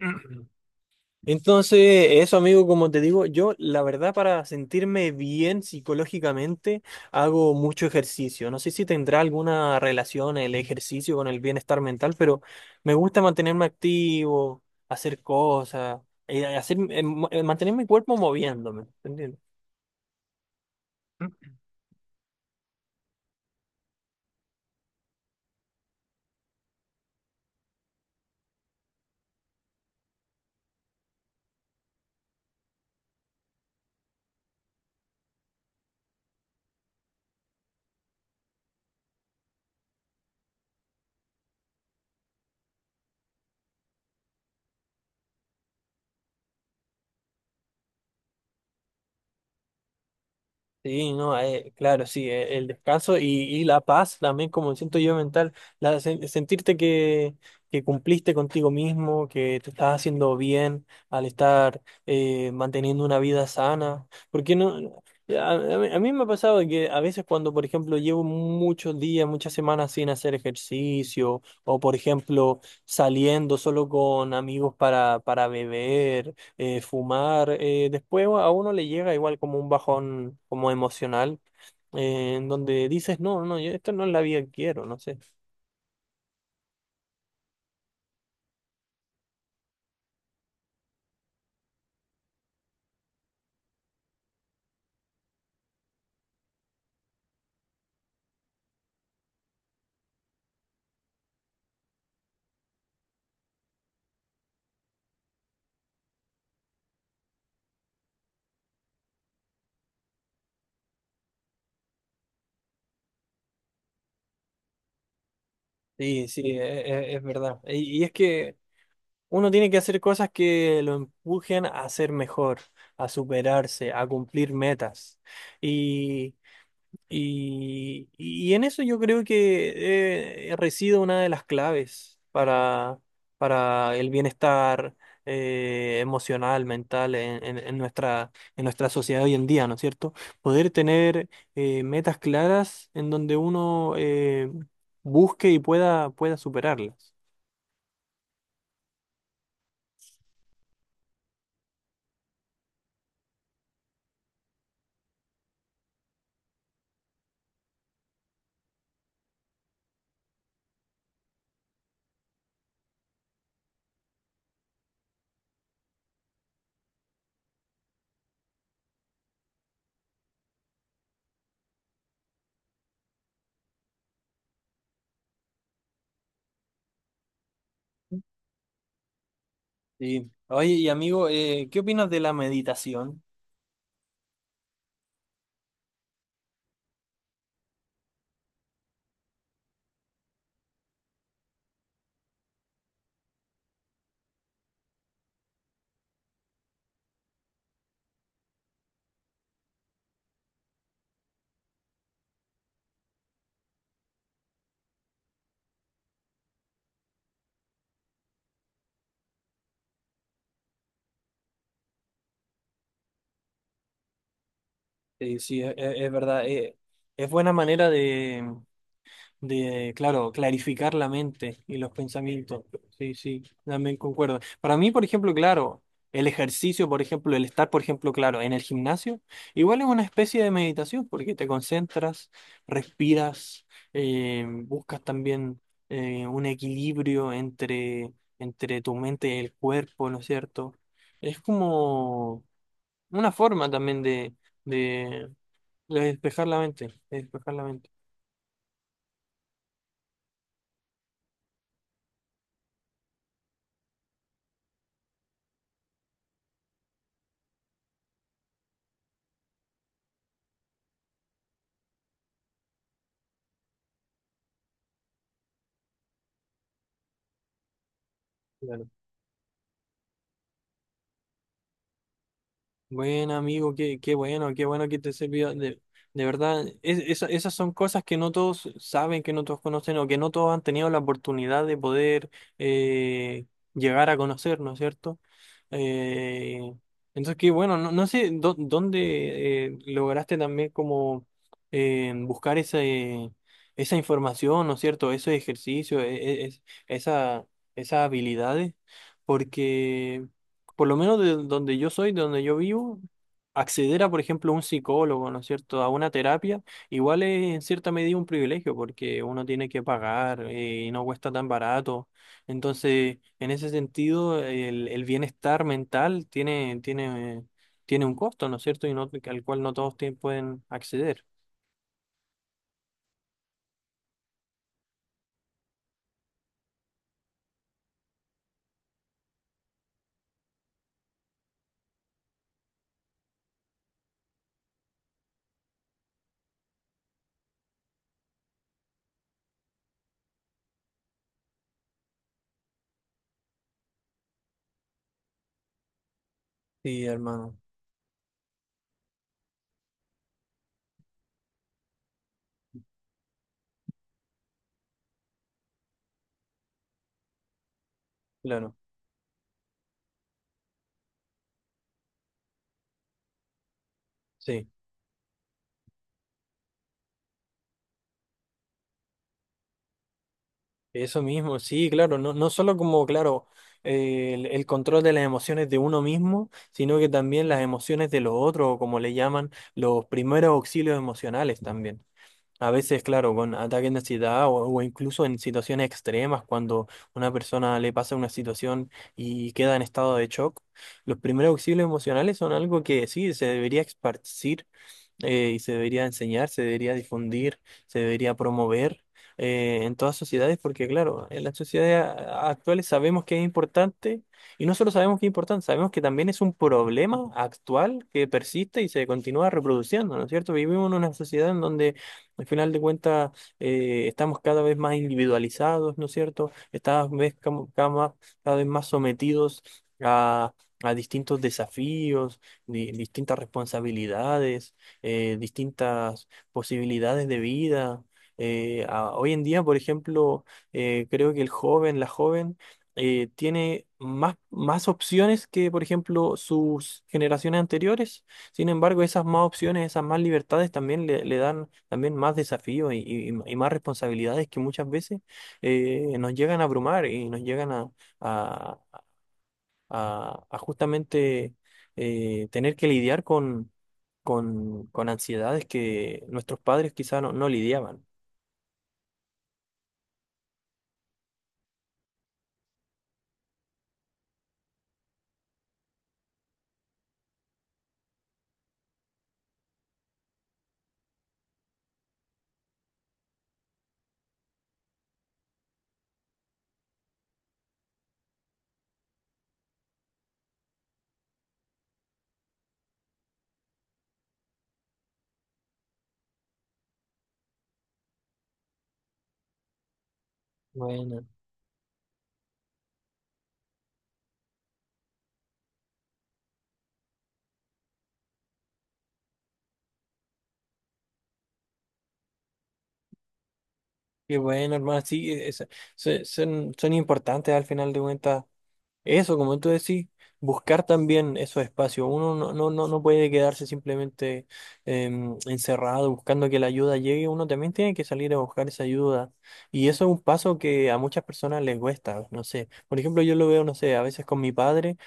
Entonces, eso, amigo, como te digo, yo la verdad para sentirme bien psicológicamente hago mucho ejercicio. No sé si tendrá alguna relación el ejercicio con el bienestar mental, pero me gusta mantenerme activo, hacer cosas, hacer, mantener mi cuerpo moviéndome, ¿entiendes? Sí, no, claro, sí, el descanso y la paz también como siento yo mental, sentirte que cumpliste contigo mismo, que te estás haciendo bien al estar manteniendo una vida sana, porque no, a mí me ha pasado que a veces cuando, por ejemplo, llevo muchos días, muchas semanas sin hacer ejercicio, o por ejemplo, saliendo solo con amigos para beber fumar, después a uno le llega igual como un bajón como emocional, en donde dices, no, no, yo esto no es la vida que quiero, no sé. Sí, sí, es, verdad. Y es que uno tiene que hacer cosas que lo empujen a ser mejor, a superarse, a cumplir metas. Y en eso yo creo que reside una de las claves para el bienestar emocional, mental en nuestra sociedad hoy en día, ¿no es cierto? Poder tener metas claras en donde uno busque y pueda superarlas. Sí. Oye, y amigo, ¿qué opinas de la meditación? Sí, es, verdad, es buena manera de, claro, clarificar la mente y los pensamientos. Sí, sí, también concuerdo. Para mí, por ejemplo, claro, el ejercicio, por ejemplo, el estar, por ejemplo, claro, en el gimnasio, igual es una especie de meditación porque te concentras, respiras, buscas también un equilibrio entre tu mente y el cuerpo, ¿no es cierto? Es como una forma también de, de despejar la mente, de despejar la mente. Claro. Buen amigo, qué bueno que te sirvió. De verdad, esas son cosas que no todos saben, que no todos conocen o que no todos han tenido la oportunidad de poder eh, llegar a conocer, ¿no es cierto? Eh, entonces, qué bueno, no, dónde lograste también como buscar esa información, ¿no es cierto? Ese ejercicio, esas habilidades, porque por lo menos de donde yo soy, de donde yo vivo, acceder a, por ejemplo, un psicólogo, ¿no es cierto?, a una terapia, igual es en cierta medida un privilegio porque uno tiene que pagar y no cuesta tan barato. Entonces, en ese sentido, el bienestar mental tiene un costo, ¿no es cierto?, y no, al cual no todos pueden acceder. Sí, hermano, claro, sí. Eso mismo, sí, claro, no, no solo como, claro, el control de las emociones de uno mismo, sino que también las emociones de los otros, o como le llaman, los primeros auxilios emocionales también. A veces, claro, con ataques de ansiedad o incluso en situaciones extremas, cuando una persona le pasa una situación y queda en estado de shock, los primeros auxilios emocionales son algo que sí se debería esparcir y se debería enseñar, se debería difundir, se debería promover en todas sociedades, porque claro, en las sociedades actuales sabemos que es importante, y no solo sabemos que es importante, sabemos que también es un problema actual que persiste y se continúa reproduciendo, ¿no es cierto? Vivimos en una sociedad en donde al final de cuentas estamos cada vez más individualizados, ¿no es cierto? Estamos Cada vez, cam- cada más- Cada vez más sometidos a, a distintos desafíos, distintas responsabilidades distintas posibilidades de vida. Hoy en día, por ejemplo, creo que el joven, la joven, tiene más opciones que, por ejemplo, sus generaciones anteriores. Sin embargo, esas más opciones, esas más libertades también le dan también más desafíos y más responsabilidades que muchas veces nos llegan a abrumar y nos llegan a, a justamente tener que lidiar con ansiedades que nuestros padres quizá no, no lidiaban. Bueno, qué bueno, hermano. Sí, son, son importantes al final de cuentas. Eso, como tú decís, buscar también esos espacios. Uno no puede quedarse simplemente encerrado buscando que la ayuda llegue. Uno también tiene que salir a buscar esa ayuda. Y eso es un paso que a muchas personas les cuesta. No sé, por ejemplo, yo lo veo, no sé, a veces con mi padre,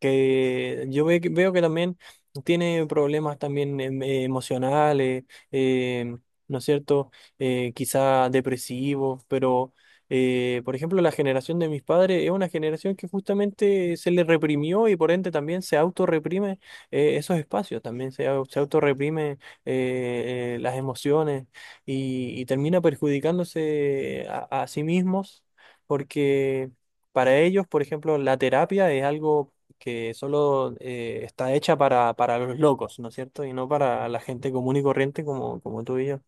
que yo veo que también tiene problemas también emocionales, em, ¿no es cierto? Quizá depresivos, pero... por ejemplo, la generación de mis padres es una generación que justamente se le reprimió y por ende también se autorreprime esos espacios, también se autorreprime las emociones y termina perjudicándose a sí mismos porque para ellos, por ejemplo, la terapia es algo que solo está hecha para los locos, ¿no es cierto? Y no para la gente común y corriente como, como tú y yo.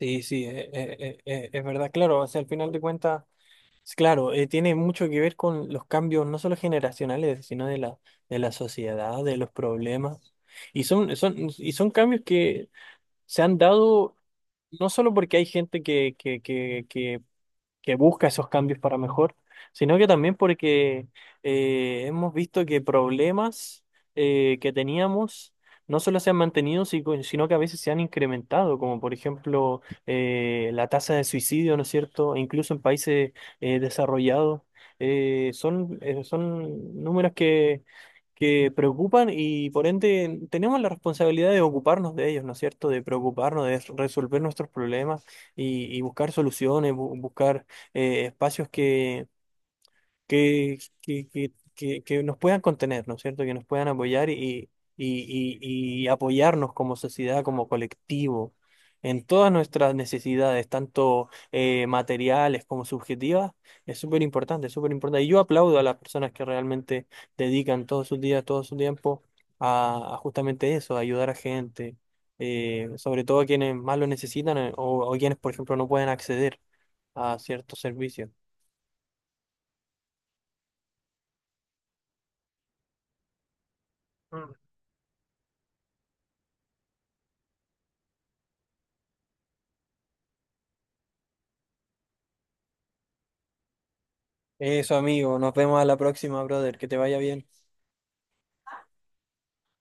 Sí, sí, es verdad, claro, o sea, al final de cuentas... Sí, claro, tiene mucho que ver con los cambios no solo generacionales, sino de la sociedad, de los problemas. Y son cambios que se han dado no solo porque hay gente que busca esos cambios para mejor, sino que también porque hemos visto que problemas que teníamos no solo se han mantenido, sino que a veces se han incrementado, como por ejemplo la tasa de suicidio, ¿no es cierto? E incluso en países desarrollados, son números que preocupan y por ende tenemos la responsabilidad de ocuparnos de ellos, ¿no es cierto? De preocuparnos, de resolver nuestros problemas y buscar soluciones, buscar espacios que nos puedan contener, ¿no es cierto? Que nos puedan apoyar y apoyarnos como sociedad, como colectivo, en todas nuestras necesidades, tanto materiales como subjetivas, es súper importante, es súper importante. Y yo aplaudo a las personas que realmente dedican todos sus días, todo su tiempo a justamente eso, a ayudar a gente. Eh, sobre todo a quienes más lo necesitan , o o quienes, por ejemplo, no pueden acceder a ciertos servicios. Eso, amigo. Nos vemos a la próxima, brother. Que te vaya bien.